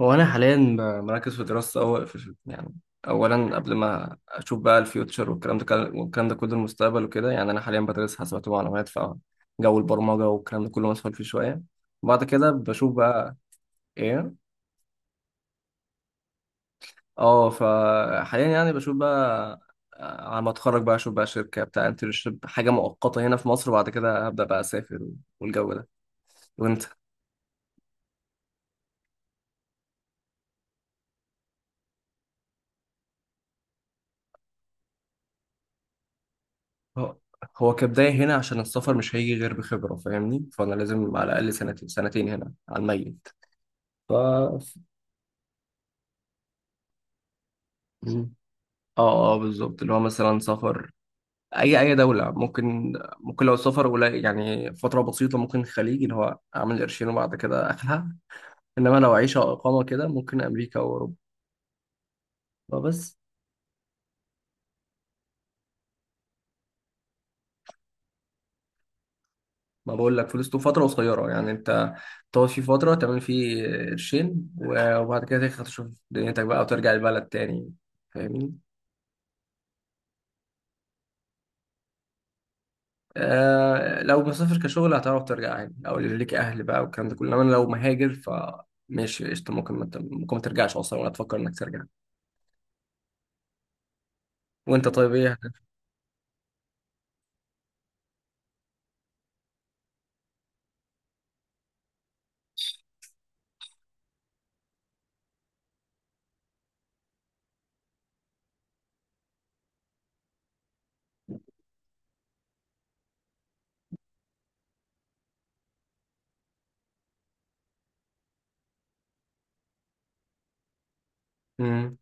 هو انا حاليا مركز في دراسه أول في اولا قبل ما اشوف بقى الفيوتشر والكلام ده كله المستقبل وكده يعني انا حاليا بدرس حاسبات ومعلومات فجو البرمجه والكلام ده كله مسؤول فيه شويه. بعد كده بشوف بقى ايه. اه فحاليا يعني بشوف بقى. على ما اتخرج بقى اشوف بقى شركه بتاع انترنشيب، حاجه مؤقته هنا في مصر، وبعد كده هبدا بقى اسافر والجو ده. وانت؟ هو كبداية هنا، عشان السفر مش هيجي غير بخبرة، فاهمني؟ فأنا لازم على الأقل سنتين هنا على الميت. ف مم. اه اه بالظبط، اللي هو مثلا سفر أي دولة ممكن. ممكن لو سفر قليل، يعني فترة بسيطة، ممكن الخليج، اللي هو أعمل قرشين وبعد كده أخلع. إنما لو عيشة أو إقامة كده ممكن أمريكا أو أوروبا. فبس. ما بقول لك، فلوس تبقى فترة قصيرة، يعني أنت تقعد فيه فترة تعمل فيه قرشين وبعد كده تاخد تشوف دنيتك بقى وترجع البلد تاني، فاهمني؟ آه لو مسافر كشغل هتعرف ترجع عادي، او اللي ليك اهل بقى والكلام ده كله، انما لو مهاجر ماشي قشطة، ممكن ما ت- ممكن ما ترجعش اصلا ولا تفكر انك ترجع. وانت طيب ايه؟ مم.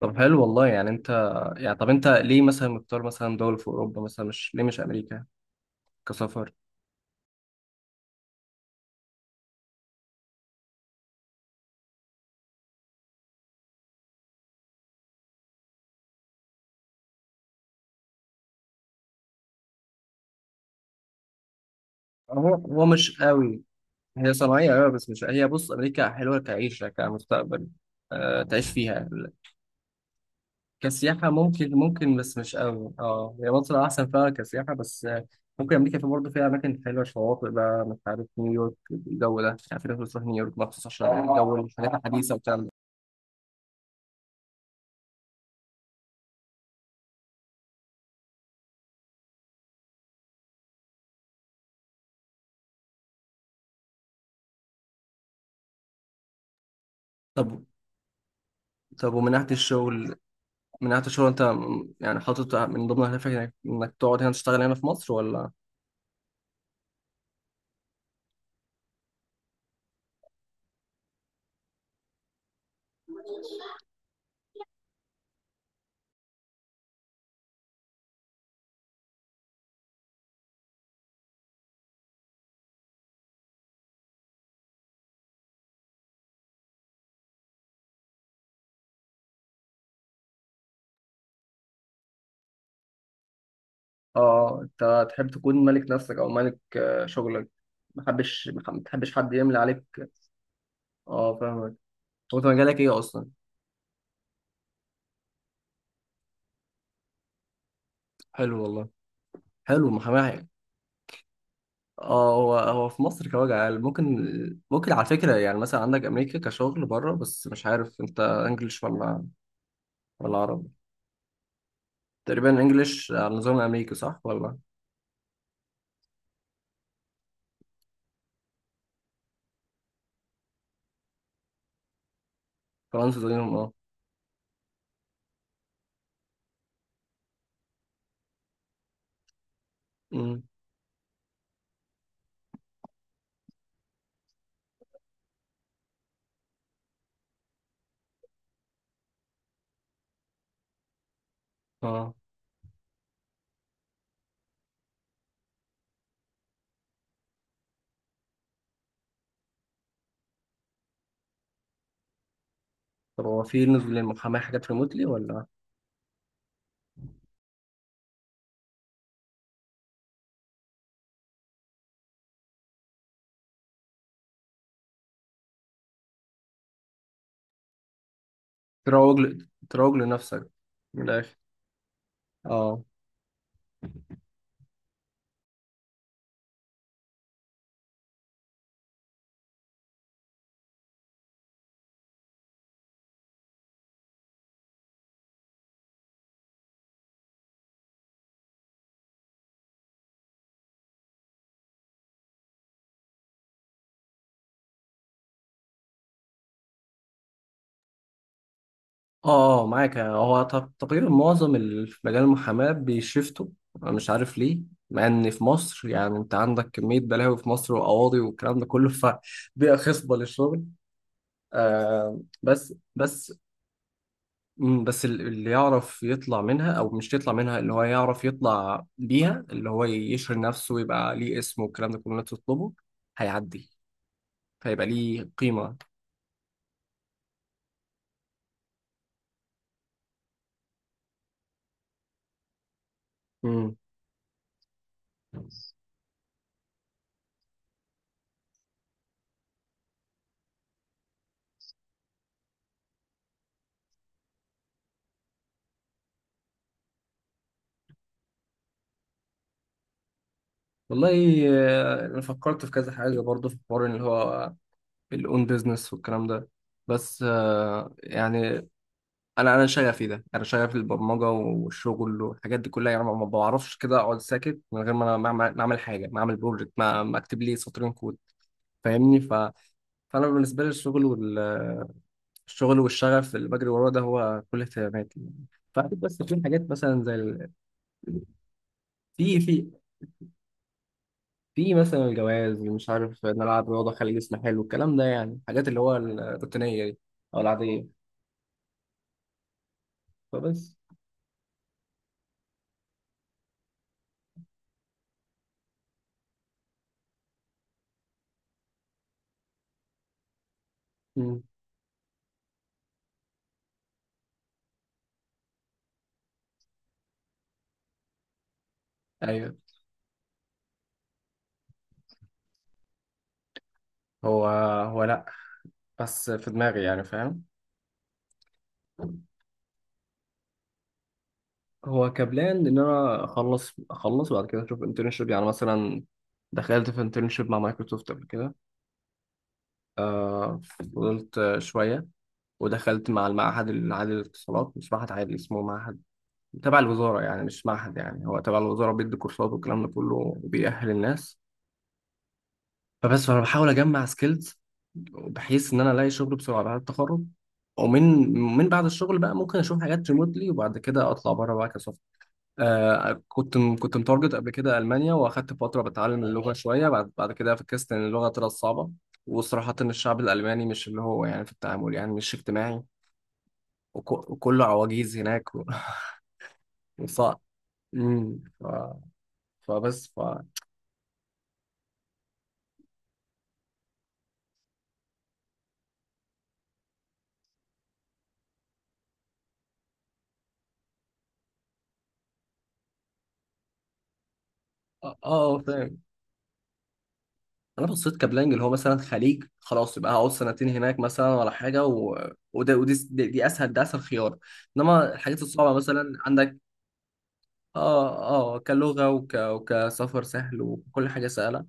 طب حلو والله. يعني انت، يعني طب انت ليه مثلا مختار مثلا دولة في اوروبا مثلا، مش ليه مش امريكا كسفر؟ هو مش قوي. هي صناعية أوي بس مش هي بص، أمريكا حلوة كعيشة كمستقبل، أه تعيش فيها. كسياحة ممكن، ممكن بس مش قوي، اه، هي مصر أحسن فيها كسياحة، بس آه، ممكن أمريكا في برضه فيها أماكن حلوة، شواطئ بقى، مش عارف، نيويورك الجو ده، يعني في ناس بتروح نيويورك مخصوص عشان الجو الحاجات الحديثة والكلام ده. طب، ومن ناحية الشغل، من ناحية الشغل أنت يعني حاطط من ضمن أهدافك إنك تقعد هنا تشتغل هنا في مصر ولا؟ اه أنت تحب تكون ملك نفسك، أو ملك شغلك، ما تحبش حد يملي عليك. اه فاهمك. هو أنت مجالك إيه أصلا؟ حلو والله، حلو محاماة. اه هو في مصر كوجع عال، ممكن. ممكن على فكرة، يعني مثلا عندك أمريكا كشغل بره، بس مش عارف أنت إنجلش ولا، ولا عربي؟ تقريبا إنجلش على النظام الأمريكي، صح ولا؟ فرنسا زيهم اه. أمم، اه. طب هو في نزول للمحاماة حاجات ريموتلي ولا؟ تروج لنفسك من الآخر. اه. اه اه معاك. هو تقريبا معظم في مجال المحاماة بيشفتوا، انا مش عارف ليه، مع ان في مصر يعني انت عندك كمية بلاوي في مصر وقواضي والكلام ده كله فبيئة خصبة للشغل. آه بس. مم، اللي يعرف يطلع منها او مش يطلع منها، اللي هو يعرف يطلع بيها، اللي هو يشهر نفسه ويبقى ليه اسمه والكلام ده كله اللي تطلبه، هيعدي فيبقى ليه قيمة. مم. والله، آه، أنا فكرت في كذا حاجة برضه، في الحوار اللي هو الاون بيزنس والكلام ده، بس آه، يعني انا شغفي ده، انا شغفي البرمجه والشغل والحاجات دي كلها، يعني ما ما بعرفش كده اقعد ساكت من غير ما انا ما أعمل حاجه، ما اعمل بروجكت، ما ما اكتب لي سطرين كود، فاهمني؟ ف... فانا بالنسبه لي الشغل الشغل والشغف اللي بجري وراه ده هو كل اهتماماتي يعني. فأكيد بس في حاجات مثلا زي ال...، في في مثلا الجواز، مش عارف، نلعب رياضه، خلي جسمي حلو، الكلام ده، يعني الحاجات اللي هو الروتينيه دي او العاديه. فبس. ايوه. هو لا، بس في دماغي يعني، فاهم؟ هو كبلان ان انا اخلص وبعد كده اشوف انترنشيب، يعني مثلا دخلت في انترنشيب مع مايكروسوفت قبل كده. آه فضلت شويه، ودخلت مع المعهد العالي للاتصالات، مش معهد عالي، اسمه معهد تبع الوزاره، يعني مش معهد، يعني هو تبع الوزاره بيدي كورسات والكلام ده كله، وبيأهل الناس. فبس انا بحاول اجمع سكيلز بحيث ان انا الاقي شغل بسرعه بعد التخرج، ومن من بعد الشغل بقى ممكن اشوف حاجات ريموتلي، وبعد كده اطلع بره بقى كسوفت. آه كنت متارجت قبل كده المانيا، واخدت فتره بتعلم اللغه شويه، بعد كده فكست ان اللغه طلعت صعبه، وصراحه إن الشعب الالماني مش اللي هو يعني في التعامل يعني مش اجتماعي، وكله عواجيز هناك وصعب. ف... فبس اه. آه، فاهم. انا بصيت كبلانج، اللي هو مثلا خليج خلاص، يبقى هقعد سنتين هناك مثلا ولا حاجه و...، وده دي اسهل، ده اسهل خيار. انما الحاجات الصعبه مثلا عندك. اه اه كلغه وك... وكسفر سهل، وكل حاجه سهله،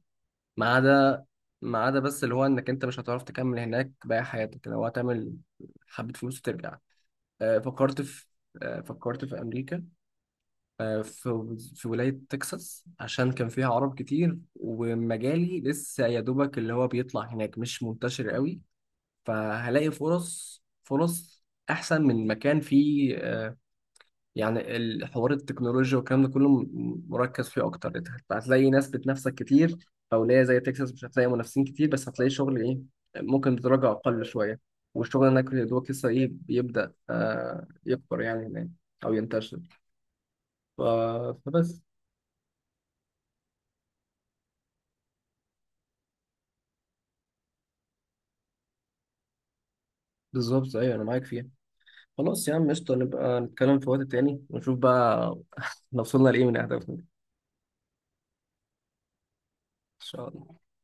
ما عدا، بس اللي هو انك انت مش هتعرف تكمل هناك باقي حياتك، لو هتعمل حبه فلوس وترجع. آه فكرت في آه فكرت في امريكا، آه، في ولاية تكساس، عشان كان فيها عرب كتير، ومجالي لسه يا دوبك اللي هو بيطلع هناك مش منتشر قوي، فهلاقي فرص، أحسن من مكان فيه آه، يعني الحوار التكنولوجيا والكلام ده كله مركز فيه أكتر، أنت هتلاقي ناس بتنافسك كتير. في ولاية زي تكساس مش هتلاقي منافسين كتير، بس هتلاقي شغل إيه ممكن بدرجة أقل شوية. والشغل هناك يا دوبك لسه إيه بيبدأ آه، يكبر يعني هناك أو ينتشر. ف- فبس. بالظبط ايوه انا معاك فيها. خلاص يا عم قشطه، نبقى نتكلم في وقت تاني ونشوف بقى لو وصلنا لايه من اهدافنا ان شاء الله.